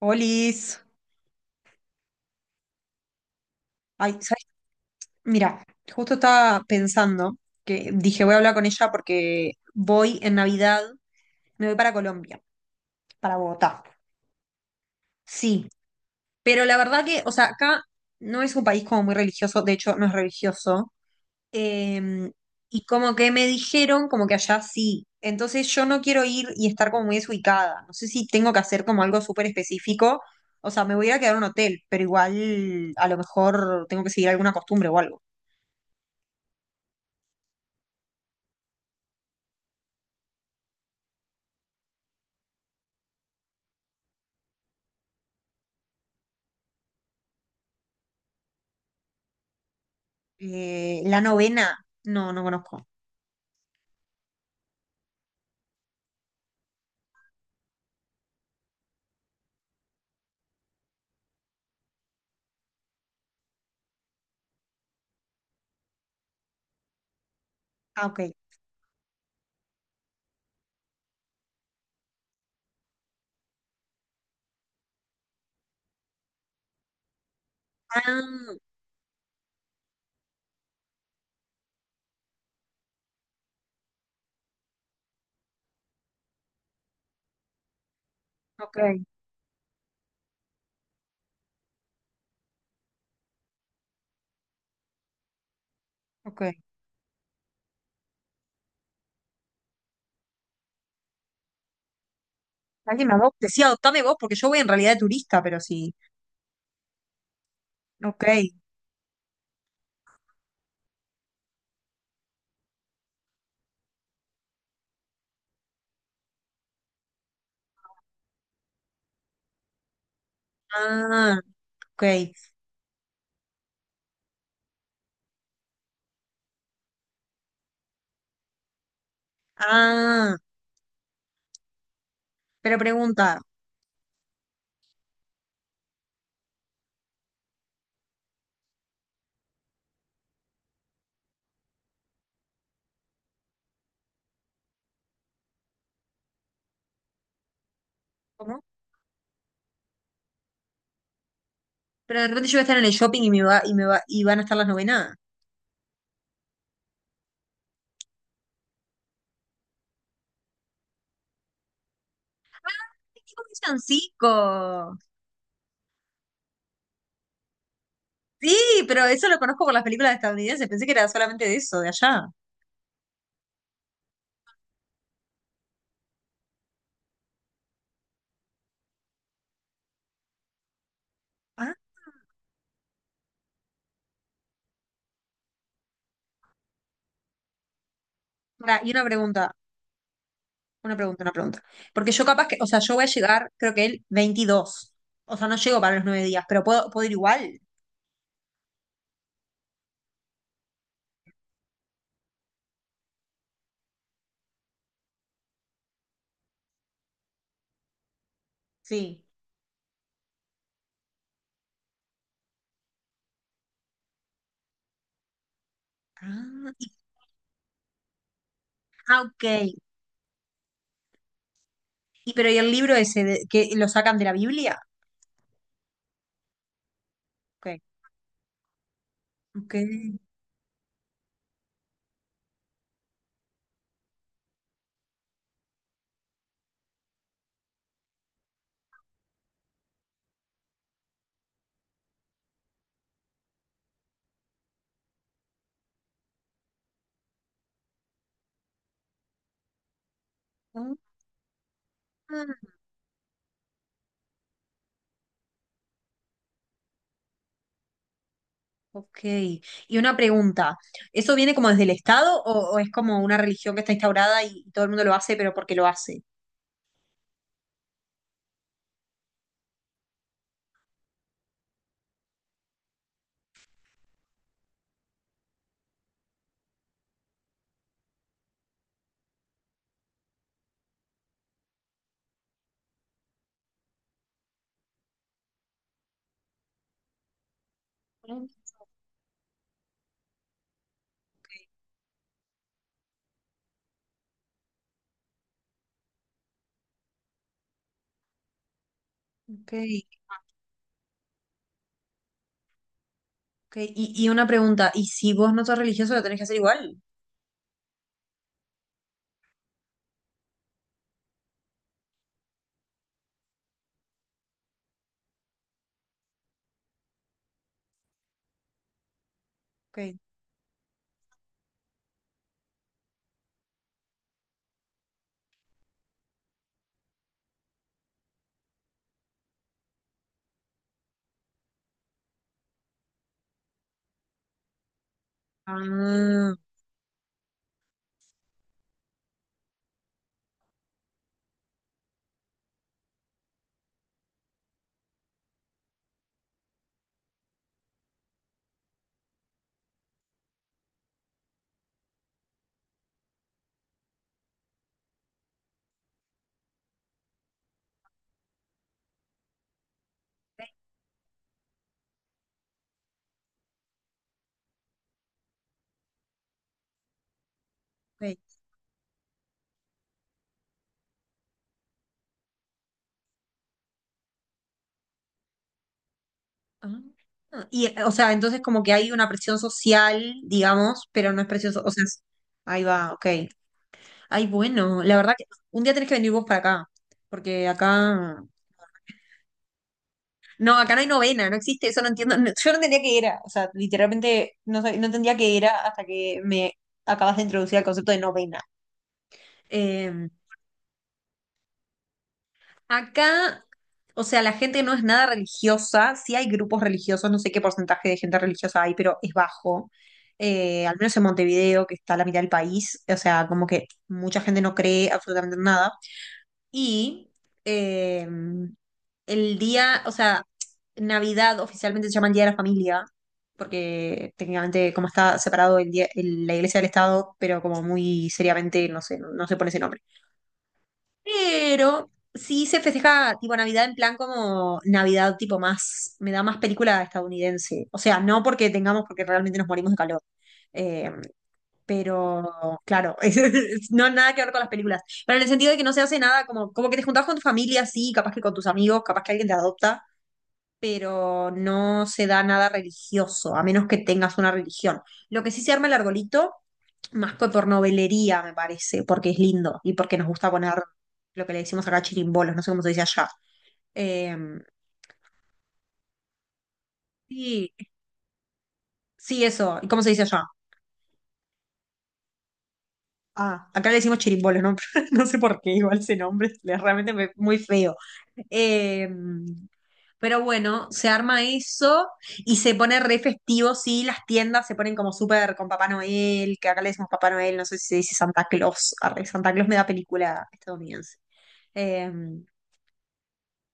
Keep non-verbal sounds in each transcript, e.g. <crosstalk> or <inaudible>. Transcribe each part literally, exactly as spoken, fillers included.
Olis. Ay, ¿sabes? Mira, justo estaba pensando que dije voy a hablar con ella porque voy en Navidad, me voy para Colombia, para Bogotá. Sí, pero la verdad que, o sea, acá no es un país como muy religioso, de hecho no es religioso. Eh, y como que me dijeron como que allá sí. Entonces yo no quiero ir y estar como muy desubicada. No sé si tengo que hacer como algo súper específico. O sea, me voy a ir a quedar en un hotel, pero igual a lo mejor tengo que seguir alguna costumbre o algo. Eh, la novena, no, no conozco. Ah, ok. Ah, ok, ok. Alguien me adopte. Sí, adoptame vos, porque yo voy en realidad de turista, pero sí. Ok. Ah, ok. Ah, pero pregunta, ¿cómo? Pero de repente yo voy a estar en el shopping y me va, y me va, y van a estar las novenas. ¡Ay, qué son cinco! Sí, pero eso lo conozco por las películas estadounidenses. Pensé que era solamente de eso, de allá. Ah, pará, y una pregunta. Una pregunta, una pregunta. Porque yo capaz que, o sea, yo voy a llegar, creo que el veintidós. O sea, no llego para los nueve días, pero puedo, puedo ir igual. Sí. Ah, y- ah, ok. Y pero ¿y el libro ese de- que lo sacan de la Biblia? Ok. Ok. Ah, ok. Y una pregunta. ¿Eso viene como desde el Estado o, o es como una religión que está instaurada y, y todo el mundo lo hace, pero porque lo hace? Ah, ok, ok. Y, y una pregunta. ¿Y si vos no sos religioso, lo tenés que hacer igual? Ok. Ah, ok. Ah, Ah, y, eh, o sea, entonces como que hay una presión social, digamos, pero no es presión, so- o sea, es- ahí va, ok. Ay, bueno, la verdad que un día tenés que venir vos para acá, porque acá, no, acá no hay novena, no existe, eso no entiendo, no- yo no entendía qué era, o sea, literalmente no, sab- no entendía qué era hasta que me acabas de introducir el concepto de novena. Em, Acá, o sea, la gente no es nada religiosa, sí hay grupos religiosos, no sé qué porcentaje de gente religiosa hay, pero es bajo. Eh, al menos en Montevideo, que está a la mitad del país, o sea, como que mucha gente no cree absolutamente en nada. Y eh, el día, o sea, Navidad oficialmente se llama el Día de la Familia, porque técnicamente como está separado el día- el- la Iglesia del Estado, pero como muy seriamente, no sé, no no se pone ese nombre. Pero sí se festeja tipo Navidad en plan como Navidad tipo más, me da más película estadounidense. O sea, no porque tengamos, porque realmente nos morimos de calor. Eh, pero claro, <laughs> es- es- no nada que ver con las películas. Pero en el sentido de que no se hace nada, como, como que te juntás con tu familia, sí, capaz que con tus amigos, capaz que alguien te adopta, pero no se da nada religioso, a menos que tengas una religión. Lo que sí se arma el arbolito más que por me parece, porque es lindo y porque nos gusta poner lo que le decimos acá chirimbolos, no sé cómo se dice allá. Eh, sí, sí, eso. ¿Y cómo se dice allá? Ah, acá le decimos chirimbolos, ¿no? <laughs> No sé por qué, igual ese nombre <laughs> le- realmente me- muy feo. Eh, pero bueno, se arma eso y se pone re festivo, sí, las tiendas se ponen como súper con Papá Noel, que acá le decimos Papá Noel, no sé si se dice Santa Claus, arre, Santa Claus me da película estadounidense. Eh,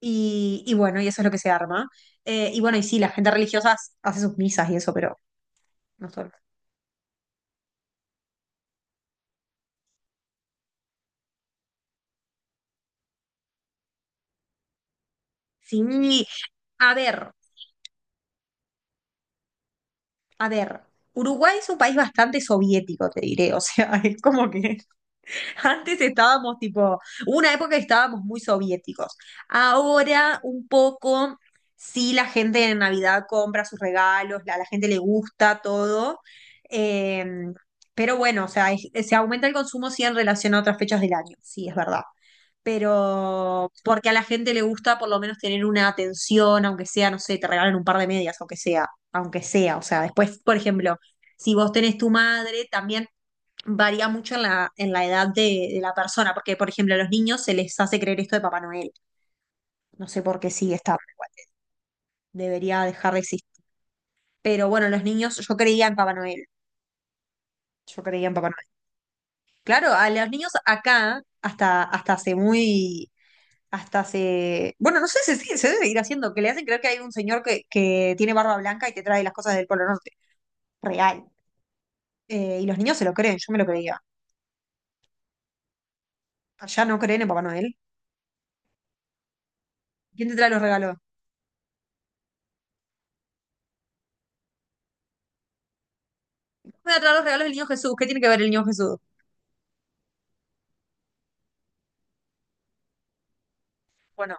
Y, y bueno, y eso es lo que se arma. Eh, y bueno, y sí, la gente religiosa hace sus misas y eso, pero nosotros. Sí, a ver, a ver. Uruguay es un país bastante soviético, te diré. O sea, <laughs> es como que antes estábamos tipo, hubo una época que estábamos muy soviéticos. Ahora un poco, sí, la gente en Navidad compra sus regalos, la- a la gente le gusta todo. Eh, pero bueno, o sea, es- se aumenta el consumo sí en relación a otras fechas del año, sí, es verdad. Pero porque a la gente le gusta por lo menos tener una atención, aunque sea, no sé, te regalen un par de medias, aunque sea, aunque sea, o sea, después, por ejemplo, si vos tenés tu madre, también varía mucho en la, en la edad de, de la persona, porque, por ejemplo, a los niños se les hace creer esto de Papá Noel, no sé por qué sigue estando igual, debería dejar de existir, pero bueno, los niños, yo creía en Papá Noel, yo creía en Papá Noel. Claro, a los niños acá, hasta, hasta hace muy, hasta se. Bueno, no sé, se, sigue- se debe seguir haciendo, que le hacen creer que hay un señor que, que tiene barba blanca y te trae las cosas del Polo Norte. Real. Eh, y los niños se lo creen, yo me lo creía. Allá no creen en Papá Noel. ¿Quién te trae los regalos? Me va a traer los regalos del niño Jesús. ¿Qué tiene que ver el niño Jesús? Bueno,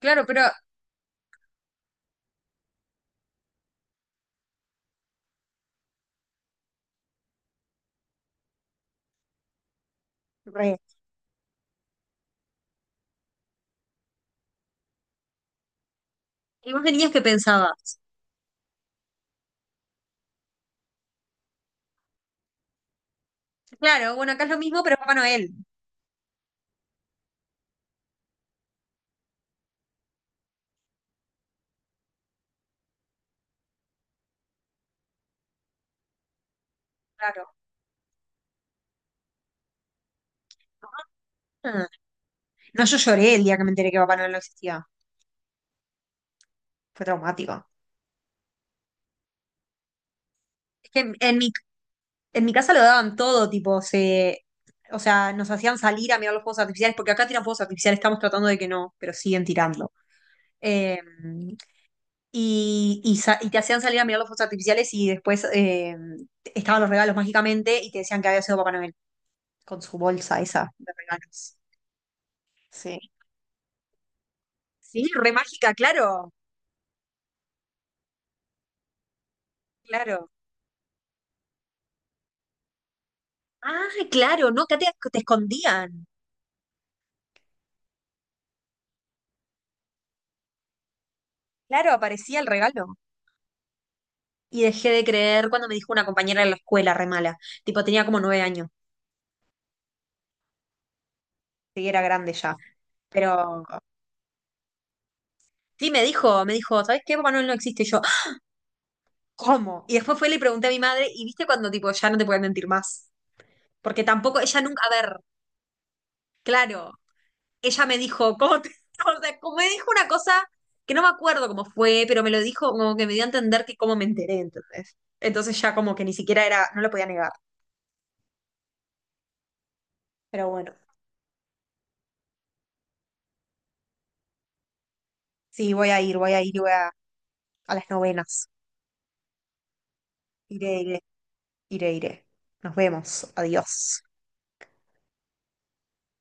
claro, pero. Re. ¿Y vos de niños qué pensabas? Claro, bueno, acá es lo mismo, pero es Papá Noel. Claro. Ah. No, yo lloré el día que me enteré que Papá Noel no existía. Fue traumático. Es que en, en mi En mi casa lo daban todo, tipo, se, o sea, nos hacían salir a mirar los fuegos artificiales, porque acá tiran fuegos artificiales, estamos tratando de que no, pero siguen tirando. Eh, y, y, sa- y te hacían salir a mirar los fuegos artificiales y después eh, estaban los regalos mágicamente y te decían que había sido Papá Noel con su bolsa esa de regalos. Sí. Sí, re mágica, claro, claro. Ah, claro, no, acá te, te escondían. Claro, aparecía el regalo. Y dejé de creer cuando me dijo una compañera de la escuela, re mala. Tipo, tenía como nueve años. Sí, era grande ya. Pero, Sí, me dijo, me dijo, ¿sabes qué? Papá Noel no existe. Y yo, "Ah, ¿cómo?" Y después fue y le pregunté a mi madre, y viste cuando tipo, ya no te pueden mentir más. Porque tampoco, ella nunca, a ver, claro, ella me dijo, ¿cómo te- <laughs> o sea, como me dijo una cosa que no me acuerdo cómo fue, pero me lo dijo como que me dio a entender que cómo me enteré, entonces. Entonces ya como que ni siquiera era, no lo podía negar. Pero bueno, sí, voy a ir, voy a ir, voy a, a las novenas. Iré, iré, iré, iré. Nos vemos. Adiós.